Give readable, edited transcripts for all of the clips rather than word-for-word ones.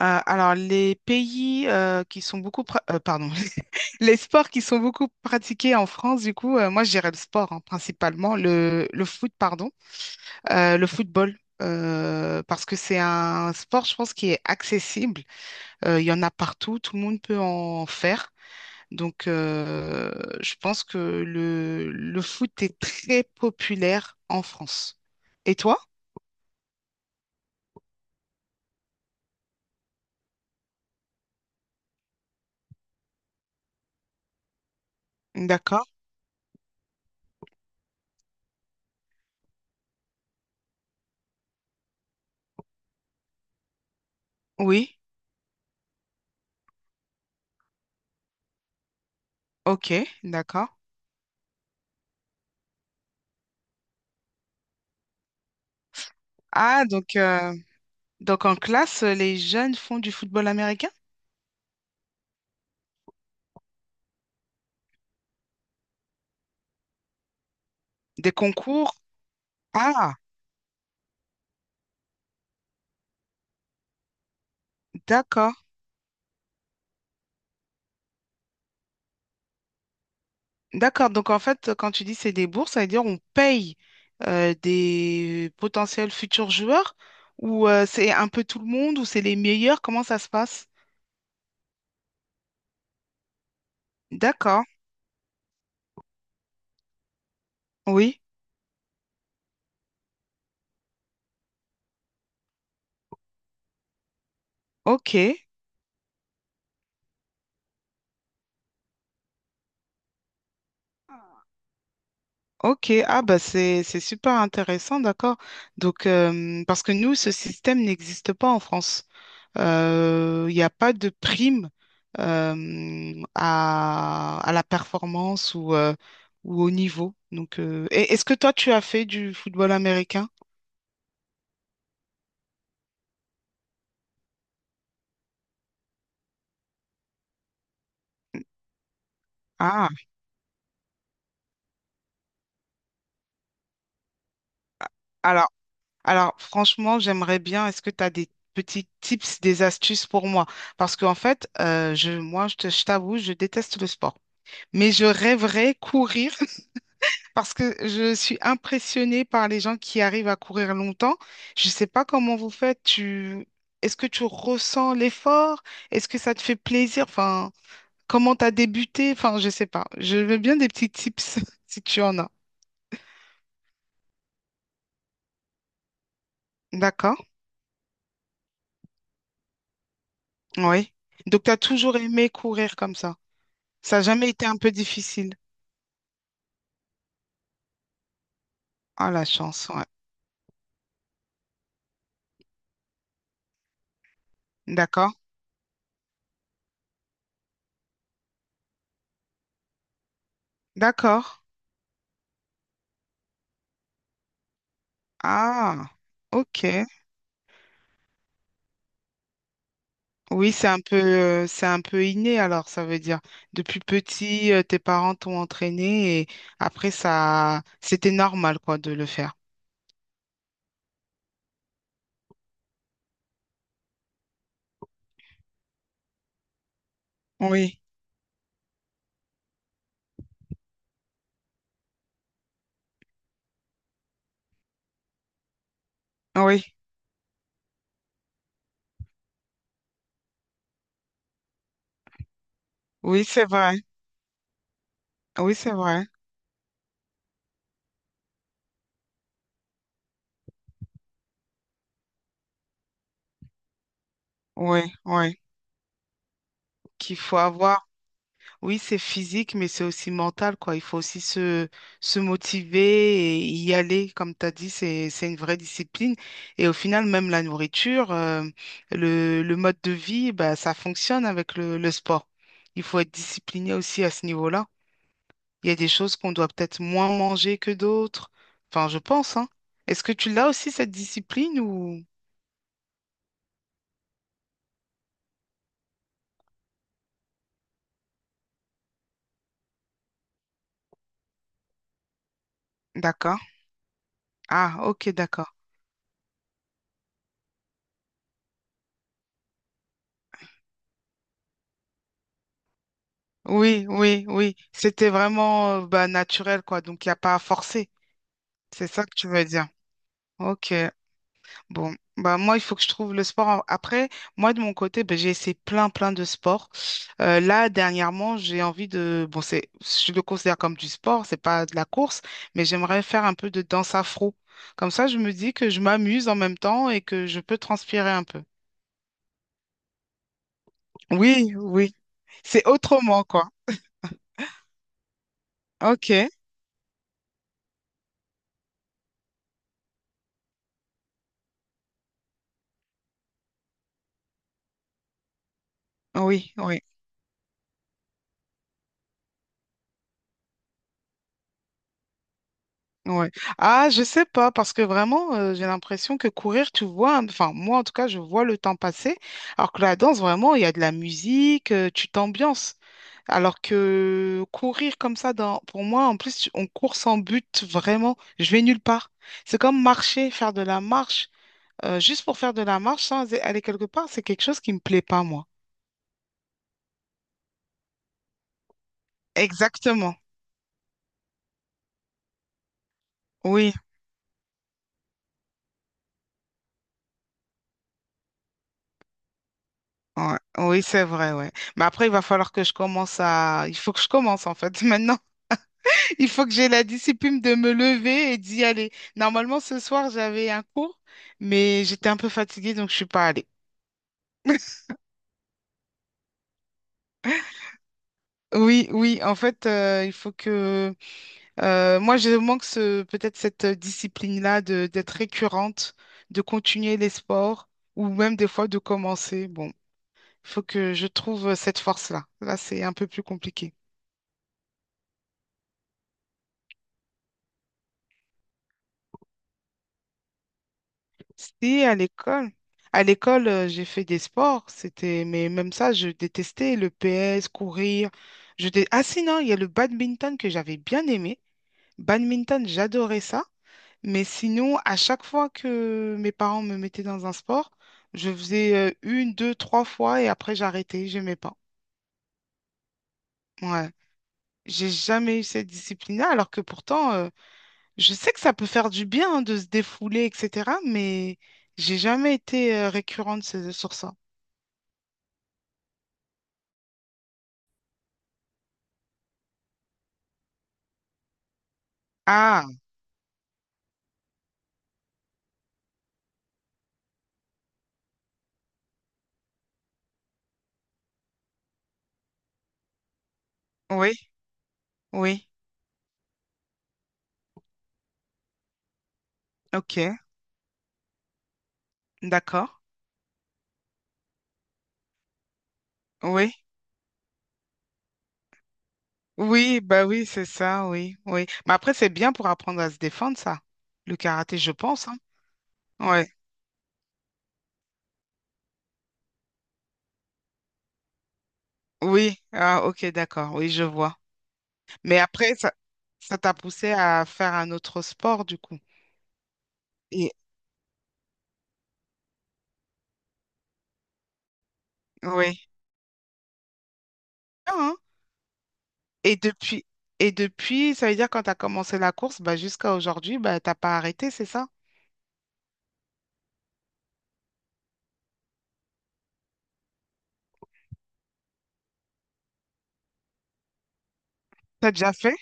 Les pays qui sont beaucoup, pardon. Les sports qui sont beaucoup pratiqués en France, du coup, moi, je dirais le sport, hein, principalement. Le foot, pardon. Le football, parce que c'est un sport, je pense, qui est accessible. Il y en a partout. Tout le monde peut en faire. Donc, je pense que le foot est très populaire en France. Et toi? D'accord. Oui. OK. D'accord. Ah, donc... euh, Donc en classe, les jeunes font du football américain? Des concours? Ah, d'accord. D'accord. Donc en fait, quand tu dis c'est des bourses, ça veut dire on paye des potentiels futurs joueurs ou c'est un peu tout le monde ou c'est les meilleurs? Comment ça se passe? D'accord. Oui. OK. OK. Ah bah c'est super intéressant, d'accord. Donc parce que nous, ce système n'existe pas en France. Il n'y a pas de prime à la performance ou ou au niveau. Donc, est-ce que toi, tu as fait du football américain? Ah, alors, alors franchement, j'aimerais bien. Est-ce que tu as des petits tips, des astuces pour moi? Parce qu'en fait, moi, je t'avoue, je déteste le sport. Mais je rêverais courir parce que je suis impressionnée par les gens qui arrivent à courir longtemps. Je ne sais pas comment vous faites. Tu... Est-ce que tu ressens l'effort? Est-ce que ça te fait plaisir? Enfin, comment tu as débuté? Enfin, je ne sais pas. Je veux bien des petits tips si tu en as. D'accord? Oui. Donc, tu as toujours aimé courir comme ça. Ça n'a jamais été un peu difficile. Ah, la chance, ouais. D'accord? D'accord. Ah, ok. Oui, c'est un peu inné alors, ça veut dire. Depuis petit, tes parents t'ont entraîné et après, ça, c'était normal, quoi, de le faire. Oui, oui, oui, c'est vrai. Oui, c'est vrai. Oui, oui. Qu'il faut avoir. Oui, c'est physique, mais c'est aussi mental, quoi. Il faut aussi se motiver et y aller. Comme tu as dit, c'est une vraie discipline. Et au final, même la nourriture, le mode de vie, bah, ça fonctionne avec le sport. Il faut être discipliné aussi à ce niveau-là. Il y a des choses qu'on doit peut-être moins manger que d'autres. Enfin, je pense, hein. Est-ce que tu l'as aussi, cette discipline ou... D'accord. Ah, ok, d'accord. Oui, oui, oui. C'était vraiment, bah, naturel, quoi. Donc, il n'y a pas à forcer. C'est ça que tu veux dire. Ok. Bon, bah moi, il faut que je trouve le sport. Après, moi, de mon côté, bah j'ai essayé plein de sports. Là, dernièrement, j'ai envie de... Bon, c'est, je le considère comme du sport, c'est pas de la course, mais j'aimerais faire un peu de danse afro. Comme ça, je me dis que je m'amuse en même temps et que je peux transpirer un peu. Oui, oui. C'est autrement, quoi. Ok. Oui, oui. Ouais. Ah, je sais pas, parce que vraiment, j'ai l'impression que courir, tu vois, hein, enfin, moi en tout cas, je vois le temps passer, alors que la danse, vraiment, il y a de la musique, tu t'ambiances. Alors que courir comme ça, pour moi, en plus, on court sans but, vraiment, je vais nulle part. C'est comme marcher, faire de la marche, juste pour faire de la marche sans aller quelque part, c'est quelque chose qui me plaît pas, moi. Exactement. Oui, ouais. Oui, c'est vrai, ouais. Mais après, il va falloir que je commence à... Il faut que je commence, en fait, maintenant. Il faut que j'ai la discipline de me lever et d'y aller. Normalement, ce soir, j'avais un cours, mais j'étais un peu fatiguée, donc je suis pas allée. Oui, oui, en fait, il faut que... je manque ce, peut-être cette discipline-là d'être récurrente, de continuer les sports, ou même des fois de commencer. Bon, il faut que je trouve cette force-là. Là, c'est un peu plus compliqué. Si, à l'école. À l'école, j'ai fait des sports, c'était, mais même ça, je détestais le PS, courir. Ah si, non, il y a le badminton que j'avais bien aimé. Badminton, j'adorais ça. Mais sinon, à chaque fois que mes parents me mettaient dans un sport, je faisais une, deux, trois fois et après j'arrêtais, j'aimais pas. Ouais. J'ai jamais eu cette discipline-là, alors que pourtant, je sais que ça peut faire du bien hein, de se défouler, etc. Mais j'ai jamais été récurrente sur ça. Ah, oui, oui, ok, d'accord, oui, oui, bah oui, c'est ça, oui, oui. Mais après, c'est bien pour apprendre à se défendre, ça, le karaté, je pense, hein. Ouais, oui, ah, ok, d'accord, oui, je vois. Mais après, ça t'a poussé à faire un autre sport, du coup. Et oui, bien, hein. Et depuis, et depuis, ça veut dire quand t'as commencé la course, bah jusqu'à aujourd'hui, bah t'as pas arrêté, c'est ça? T'as déjà fait?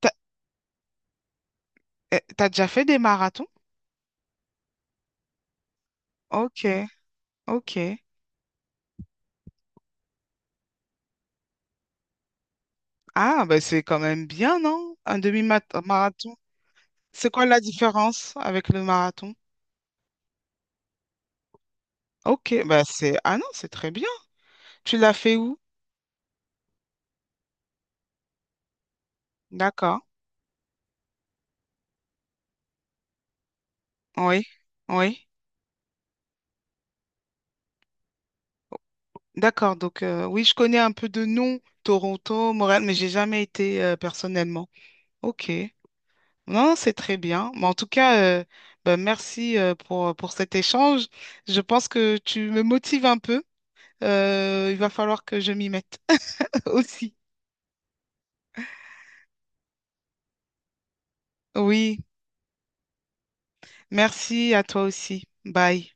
T'as, t'as déjà fait des marathons? Ok, ok. Ah, ben c'est quand même bien, non? Un demi-marathon. C'est quoi la différence avec le marathon? Ok, bah c'est... Ah non, c'est très bien. Tu l'as fait où? D'accord. Oui, oui. D'accord, donc oui, je connais un peu de nom, Toronto, Montréal, mais j'ai jamais été personnellement. Ok. Non, c'est très bien. Mais en tout cas, ben, merci pour cet échange. Je pense que tu me motives un peu. Il va falloir que je m'y mette aussi. Oui. Merci à toi aussi. Bye.